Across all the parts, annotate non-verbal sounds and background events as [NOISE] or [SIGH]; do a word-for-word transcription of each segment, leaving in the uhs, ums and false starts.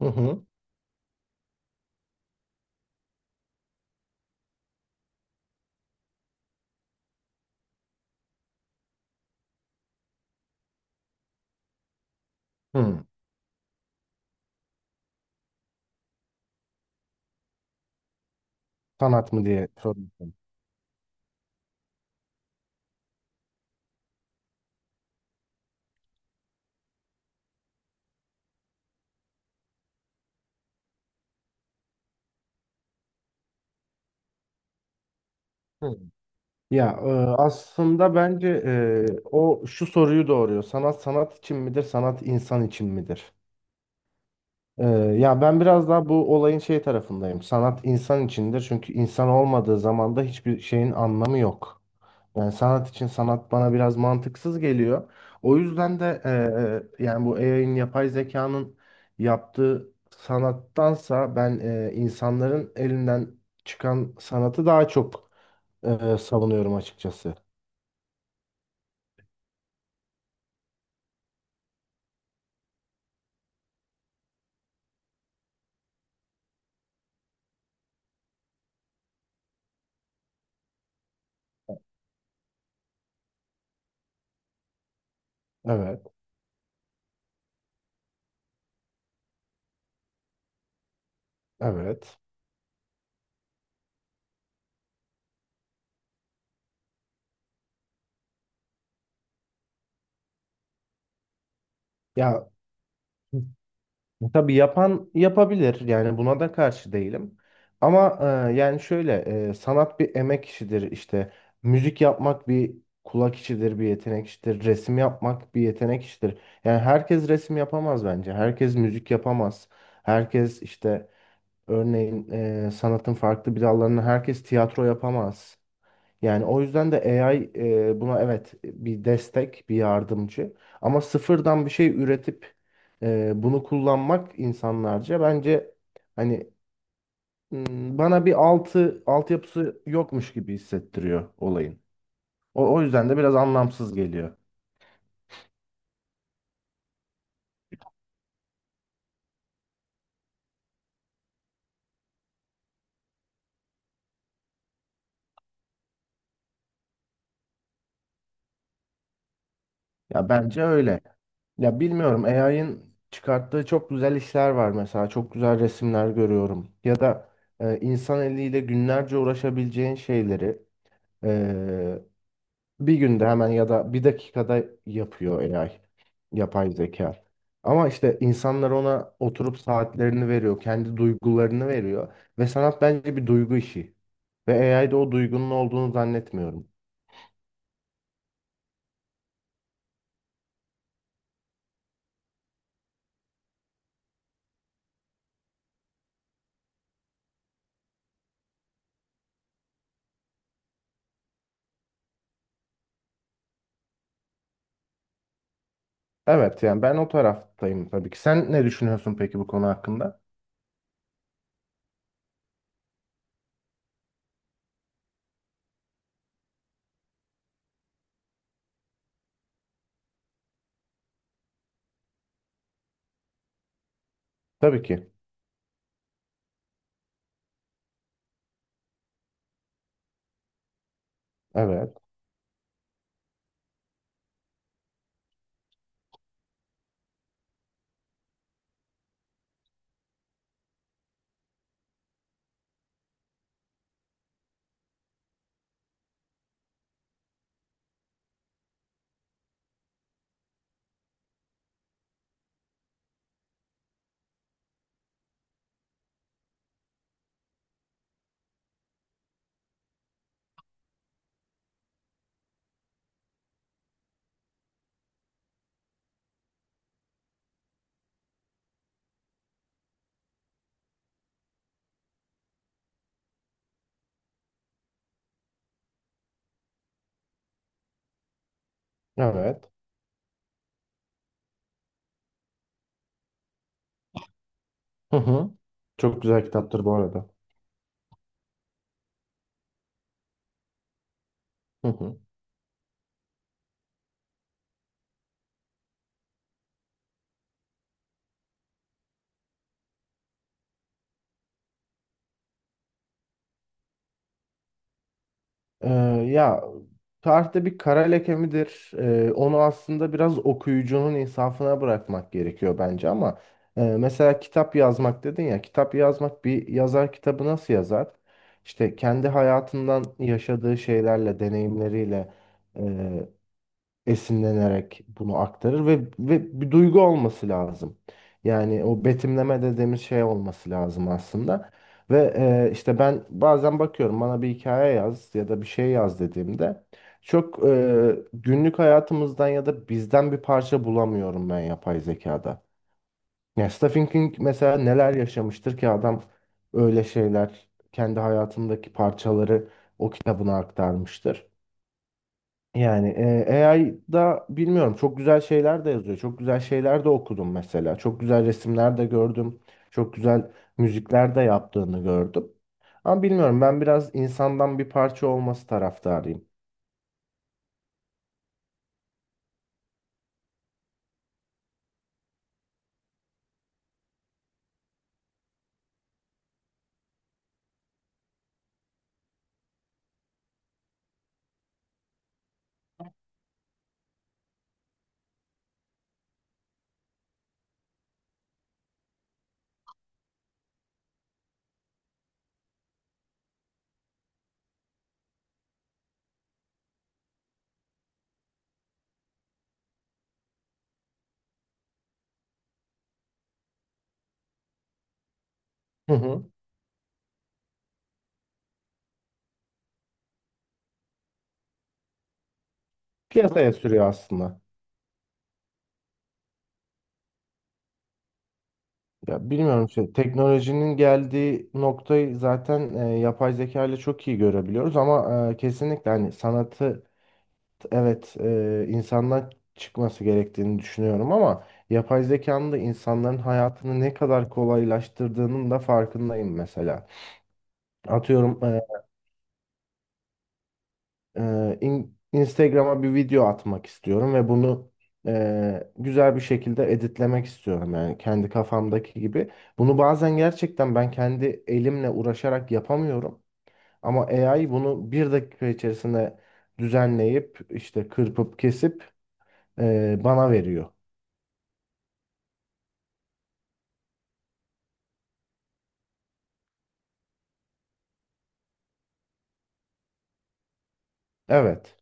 Hı hı. Hı. Sanat mı diye soruyorsun. Hı. Ya e, aslında bence e, o şu soruyu doğuruyor. Sanat sanat için midir? Sanat insan için midir? E, ya ben biraz daha bu olayın şey tarafındayım. Sanat insan içindir. Çünkü insan olmadığı zaman da hiçbir şeyin anlamı yok. Yani sanat için sanat bana biraz mantıksız geliyor. O yüzden de eee, yani bu A I'nin yapay zekanın yaptığı sanattansa ben eee, insanların elinden çıkan sanatı daha çok eee, savunuyorum açıkçası. Evet, evet. Ya tabii yapan yapabilir yani buna da karşı değilim. Ama e, yani şöyle e, sanat bir emek işidir, işte müzik yapmak bir kulak işidir, bir yetenek işidir, resim yapmak bir yetenek işidir. Yani herkes resim yapamaz bence, herkes müzik yapamaz, herkes işte örneğin e, sanatın farklı bir dallarını, herkes tiyatro yapamaz. Yani o yüzden de A I e, buna evet bir destek, bir yardımcı ama sıfırdan bir şey üretip ee, bunu kullanmak insanlarca bence, hani, m, bana bir altı altyapısı yokmuş gibi hissettiriyor olayın. O, o yüzden de biraz anlamsız geliyor. Ya bence öyle. Ya bilmiyorum, A I'ın çıkarttığı çok güzel işler var mesela. Çok güzel resimler görüyorum. Ya da e, insan eliyle günlerce uğraşabileceğin şeyleri bir günde hemen ya da bir dakikada yapıyor A I, yapay zeka. Ama işte insanlar ona oturup saatlerini veriyor, kendi duygularını veriyor. Ve sanat bence bir duygu işi. Ve A I'de o duygunun olduğunu zannetmiyorum. Evet, yani ben o taraftayım tabii ki. Sen ne düşünüyorsun peki bu konu hakkında? Tabii ki. Evet. Evet. Hı hı. Çok güzel kitaptır bu arada. Hı hı. Ee, ya tarihte bir kara leke midir? Ee, onu aslında biraz okuyucunun insafına bırakmak gerekiyor bence ama e, mesela kitap yazmak dedin ya, kitap yazmak, bir yazar kitabı nasıl yazar? İşte kendi hayatından, yaşadığı şeylerle, deneyimleriyle e, esinlenerek bunu aktarır ve ve bir duygu olması lazım. Yani o betimleme dediğimiz şey olması lazım aslında. Ve e, işte ben bazen bakıyorum, bana bir hikaye yaz ya da bir şey yaz dediğimde, çok e, günlük hayatımızdan ya da bizden bir parça bulamıyorum ben yapay zekada. Ya Stephen King mesela neler yaşamıştır ki adam, öyle şeyler, kendi hayatındaki parçaları o kitabına aktarmıştır. Yani e, A I'da bilmiyorum, çok güzel şeyler de yazıyor. Çok güzel şeyler de okudum mesela. Çok güzel resimler de gördüm. Çok güzel müzikler de yaptığını gördüm. Ama bilmiyorum, ben biraz insandan bir parça olması taraftarıyım. Hı hı. Piyasaya sürüyor aslında. Ya bilmiyorum şey, teknolojinin geldiği noktayı zaten e, yapay zeka ile çok iyi görebiliyoruz ama e, kesinlikle hani sanatı evet, e, insandan çıkması gerektiğini düşünüyorum ama yapay zekanın da insanların hayatını ne kadar kolaylaştırdığının da farkındayım mesela. Atıyorum, e, e, in- Instagram'a bir video atmak istiyorum ve bunu e, güzel bir şekilde editlemek istiyorum yani kendi kafamdaki gibi. Bunu bazen gerçekten ben kendi elimle uğraşarak yapamıyorum ama A I bunu bir dakika içerisinde düzenleyip işte kırpıp kesip e, bana veriyor. Evet.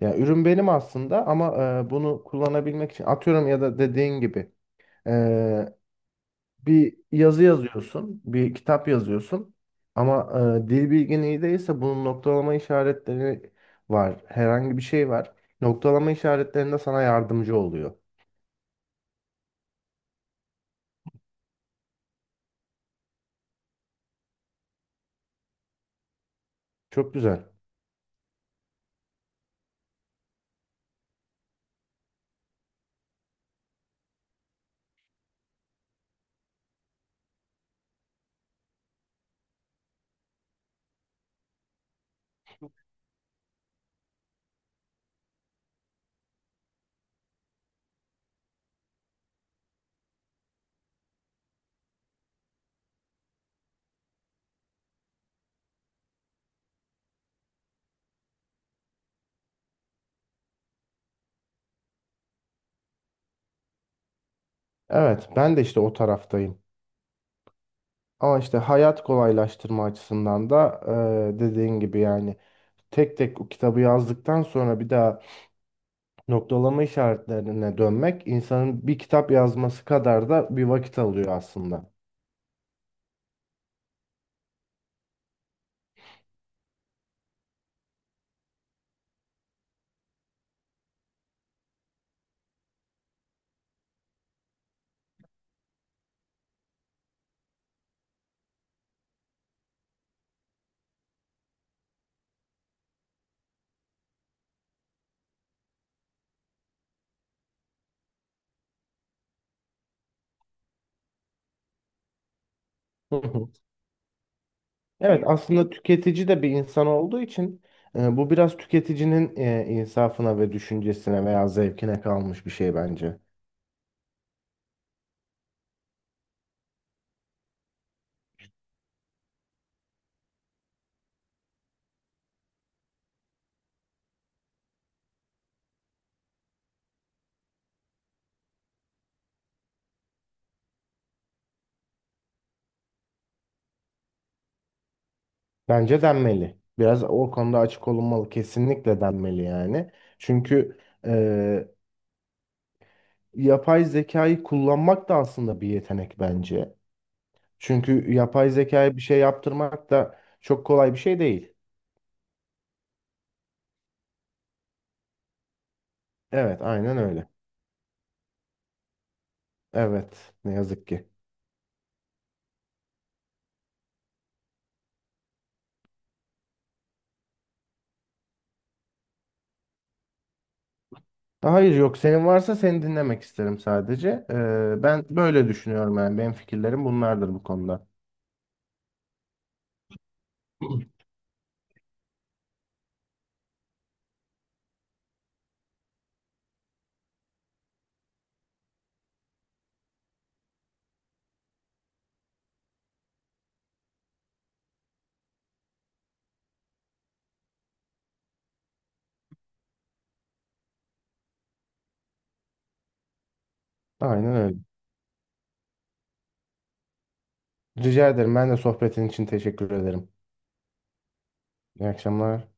Ya ürün benim aslında ama e, bunu kullanabilmek için atıyorum ya da dediğin gibi e, bir yazı yazıyorsun, bir kitap yazıyorsun ama e, dil bilgin iyi değilse bunun noktalama işaretleri var, herhangi bir şey var. Noktalama işaretlerinde sana yardımcı oluyor. Çok güzel. Evet, ben de işte o taraftayım. Ama işte hayat kolaylaştırma açısından da e, dediğin gibi yani tek tek o kitabı yazdıktan sonra bir daha noktalama işaretlerine dönmek, insanın bir kitap yazması kadar da bir vakit alıyor aslında. Hı hı. Evet, aslında tüketici de bir insan olduğu için e, bu biraz tüketicinin e, insafına ve düşüncesine veya zevkine kalmış bir şey bence. Bence denmeli. Biraz o konuda açık olunmalı. Kesinlikle denmeli yani. Çünkü e, yapay zekayı kullanmak da aslında bir yetenek bence. Çünkü yapay zekaya bir şey yaptırmak da çok kolay bir şey değil. Evet, aynen öyle. Evet, ne yazık ki. Hayır yok, senin varsa seni dinlemek isterim sadece. Ee, ben böyle düşünüyorum yani. Benim fikirlerim bunlardır bu konuda. [CLEARS THROAT] Aynen öyle. Rica ederim. Ben de sohbetin için teşekkür ederim. İyi akşamlar.